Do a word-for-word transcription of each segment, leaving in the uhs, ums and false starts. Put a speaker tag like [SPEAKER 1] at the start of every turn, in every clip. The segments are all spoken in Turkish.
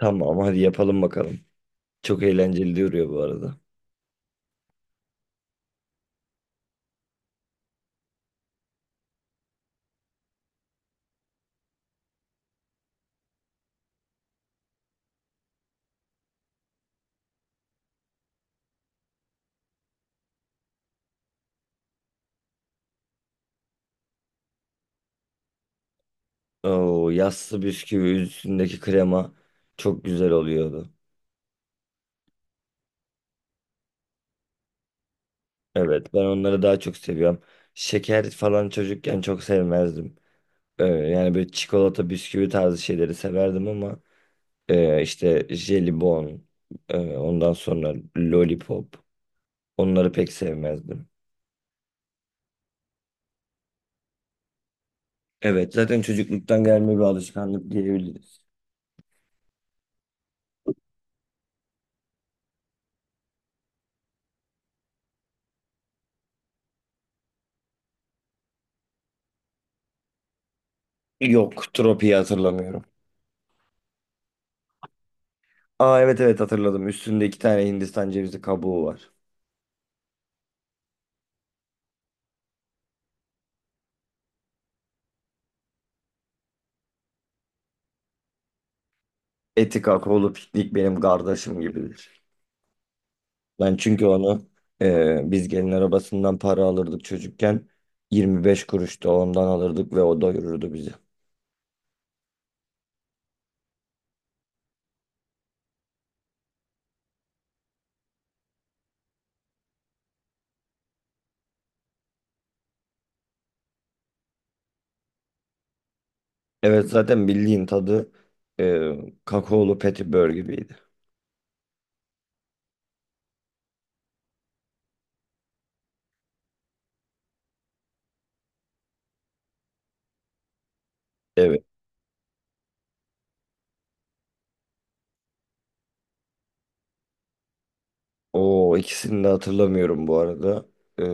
[SPEAKER 1] Tamam, hadi yapalım bakalım. Çok eğlenceli duruyor bu arada. Oo, yassı bisküvi üstündeki krema çok güzel oluyordu. Evet, ben onları daha çok seviyorum. Şeker falan çocukken çok sevmezdim. Ee, yani böyle çikolata bisküvi tarzı şeyleri severdim ama e, işte jelibon, e, ondan sonra lollipop, onları pek sevmezdim. Evet, zaten çocukluktan gelme bir alışkanlık diyebiliriz. Yok, tropiyi hatırlamıyorum. Aa, evet evet, hatırladım. Üstünde iki tane Hindistan cevizi kabuğu var. Eti kakaolu piknik benim kardeşim gibidir. Ben çünkü onu, e, biz gelin arabasından para alırdık çocukken. yirmi beş kuruş da ondan alırdık ve o doyururdu bizi. Evet, zaten bildiğin tadı e, kakaolu petibör gibiydi. Evet. O ikisini de hatırlamıyorum bu arada. E,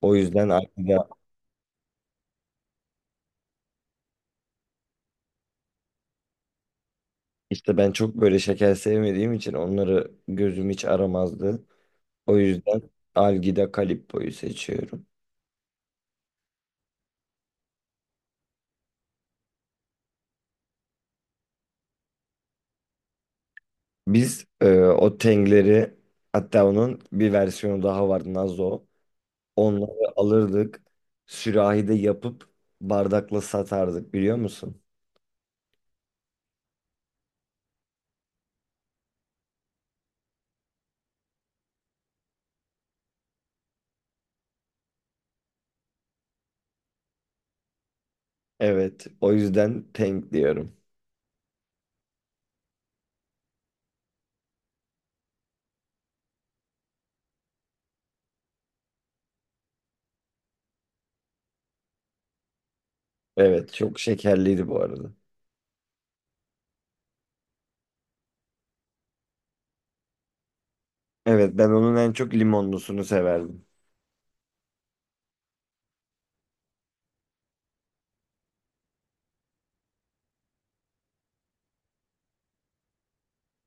[SPEAKER 1] O yüzden aklımda, işte ben çok böyle şeker sevmediğim için onları gözüm hiç aramazdı. O yüzden Algida Calippo'yu seçiyorum. Biz e, o Tengleri, hatta onun bir versiyonu daha vardı, Nazo. Onları alırdık. Sürahide yapıp bardakla satardık, biliyor musun? Evet. O yüzden Teng diyorum. Evet, çok şekerliydi bu arada. Evet, ben onun en çok limonlusunu severdim.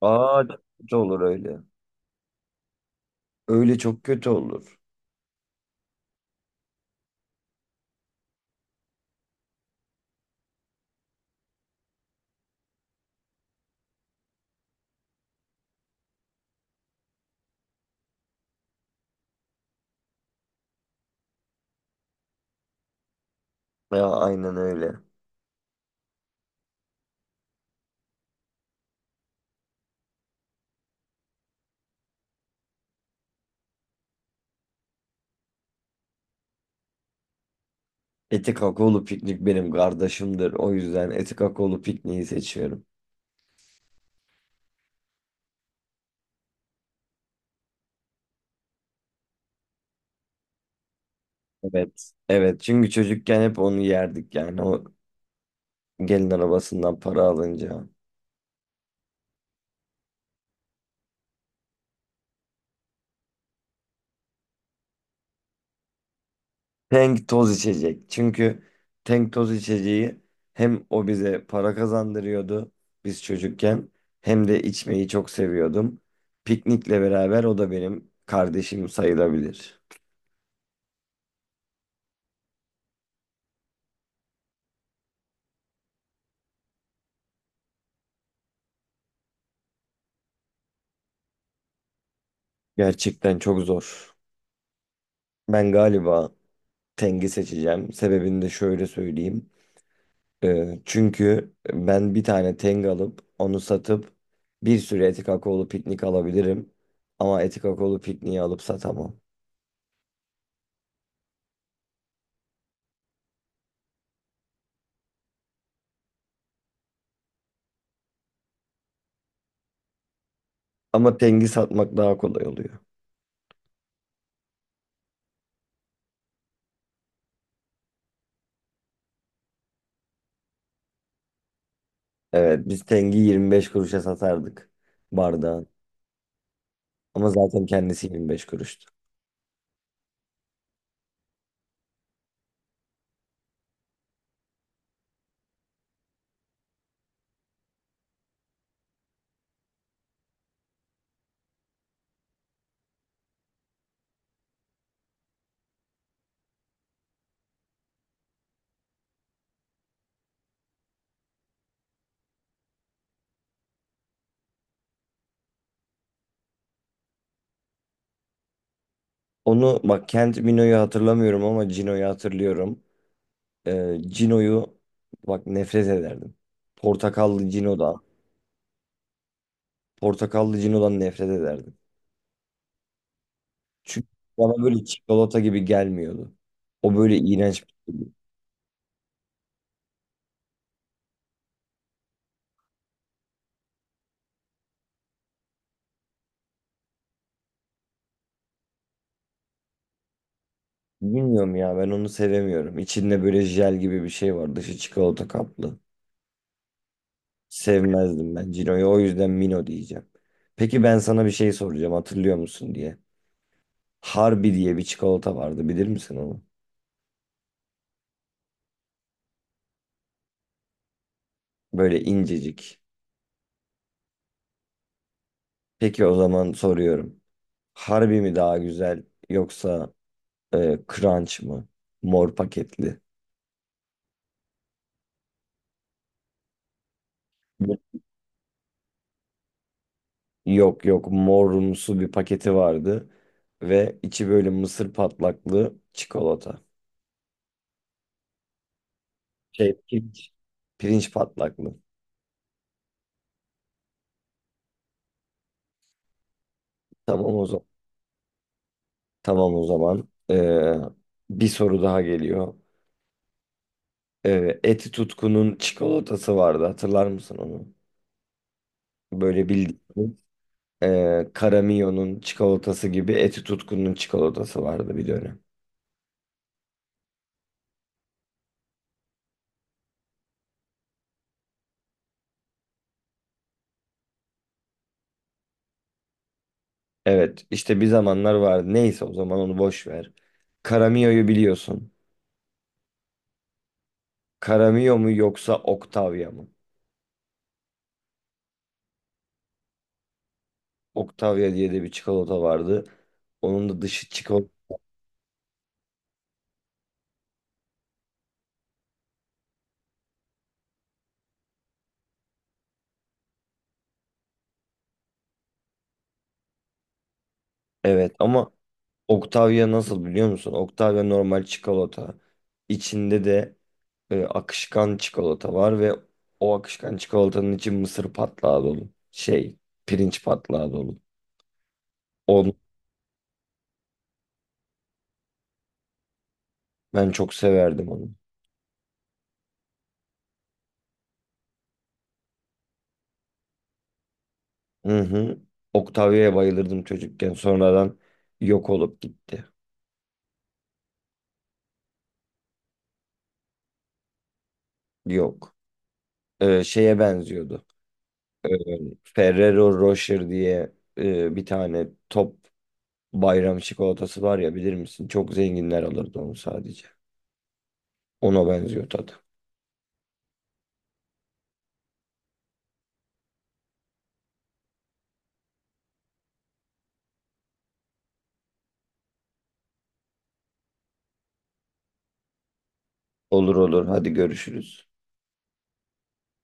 [SPEAKER 1] Aa, çok kötü olur öyle. Öyle çok kötü olur. Ya aynen öyle. Eti kakaolu piknik benim kardeşimdir. O yüzden eti kakaolu pikniği seçiyorum. Evet. Evet. Çünkü çocukken hep onu yerdik yani. O gelin arabasından para alınca. Tank toz içecek. Çünkü tank toz içeceği hem o bize para kazandırıyordu biz çocukken, hem de içmeyi çok seviyordum. Piknikle beraber o da benim kardeşim sayılabilir. Gerçekten çok zor. Ben galiba Teng'i seçeceğim. Sebebini de şöyle söyleyeyim. Ee, çünkü ben bir tane Teng alıp onu satıp bir sürü etik akaolu piknik alabilirim. Ama etik akaolu pikniği alıp satamam. Ama Teng'i satmak daha kolay oluyor. Evet, biz Teng'i yirmi beş kuruşa satardık bardağı. Ama zaten kendisi yirmi beş kuruştu. Onu bak, Kent Mino'yu hatırlamıyorum ama Cino'yu hatırlıyorum. Ee, Cino'yu bak, nefret ederdim. Portakallı Cino'dan. Portakallı Cino'dan nefret ederdim. Çünkü bana böyle çikolata gibi gelmiyordu. O böyle iğrenç bir şeydi. Bilmiyorum ya, ben onu sevemiyorum. İçinde böyle jel gibi bir şey var. Dışı çikolata kaplı. Sevmezdim ben Cino'yu. O yüzden Mino diyeceğim. Peki ben sana bir şey soracağım, hatırlıyor musun diye. Harbi diye bir çikolata vardı, bilir misin onu? Böyle incecik. Peki o zaman soruyorum. Harbi mi daha güzel, yoksa e, Crunch mı? Mor paketli. Yok yok, morumsu bir paketi vardı ve içi böyle mısır patlaklı çikolata. Şey, pirinç. Pirinç patlaklı. Tamam o zaman. Tamam o zaman. Ee, bir soru daha geliyor. Ee, Eti Tutku'nun çikolatası vardı, hatırlar mısın onu? Böyle bildiğin. Ee, Caramio'nun çikolatası gibi Eti Tutku'nun çikolatası vardı bir dönem. Evet, işte bir zamanlar vardı. Neyse, o zaman onu boş ver. Caramio'yu biliyorsun. Caramio mu yoksa Octavia mı? Octavia diye de bir çikolata vardı. Onun da dışı çikolata. Evet ama Octavia nasıl biliyor musun? Octavia normal çikolata. İçinde de e, akışkan çikolata var ve o akışkan çikolatanın içi mısır patlağı dolu. Şey, pirinç patlağı dolu. Onu ben çok severdim onu. Hı hı. Octavia'ya bayılırdım çocukken. Sonradan yok olup gitti. Yok. Ee, şeye benziyordu. Ee, Ferrero Rocher diye e, bir tane top bayram çikolatası var ya, bilir misin? Çok zenginler alırdı onu sadece. Ona benziyor tadı. Olur olur, hadi görüşürüz.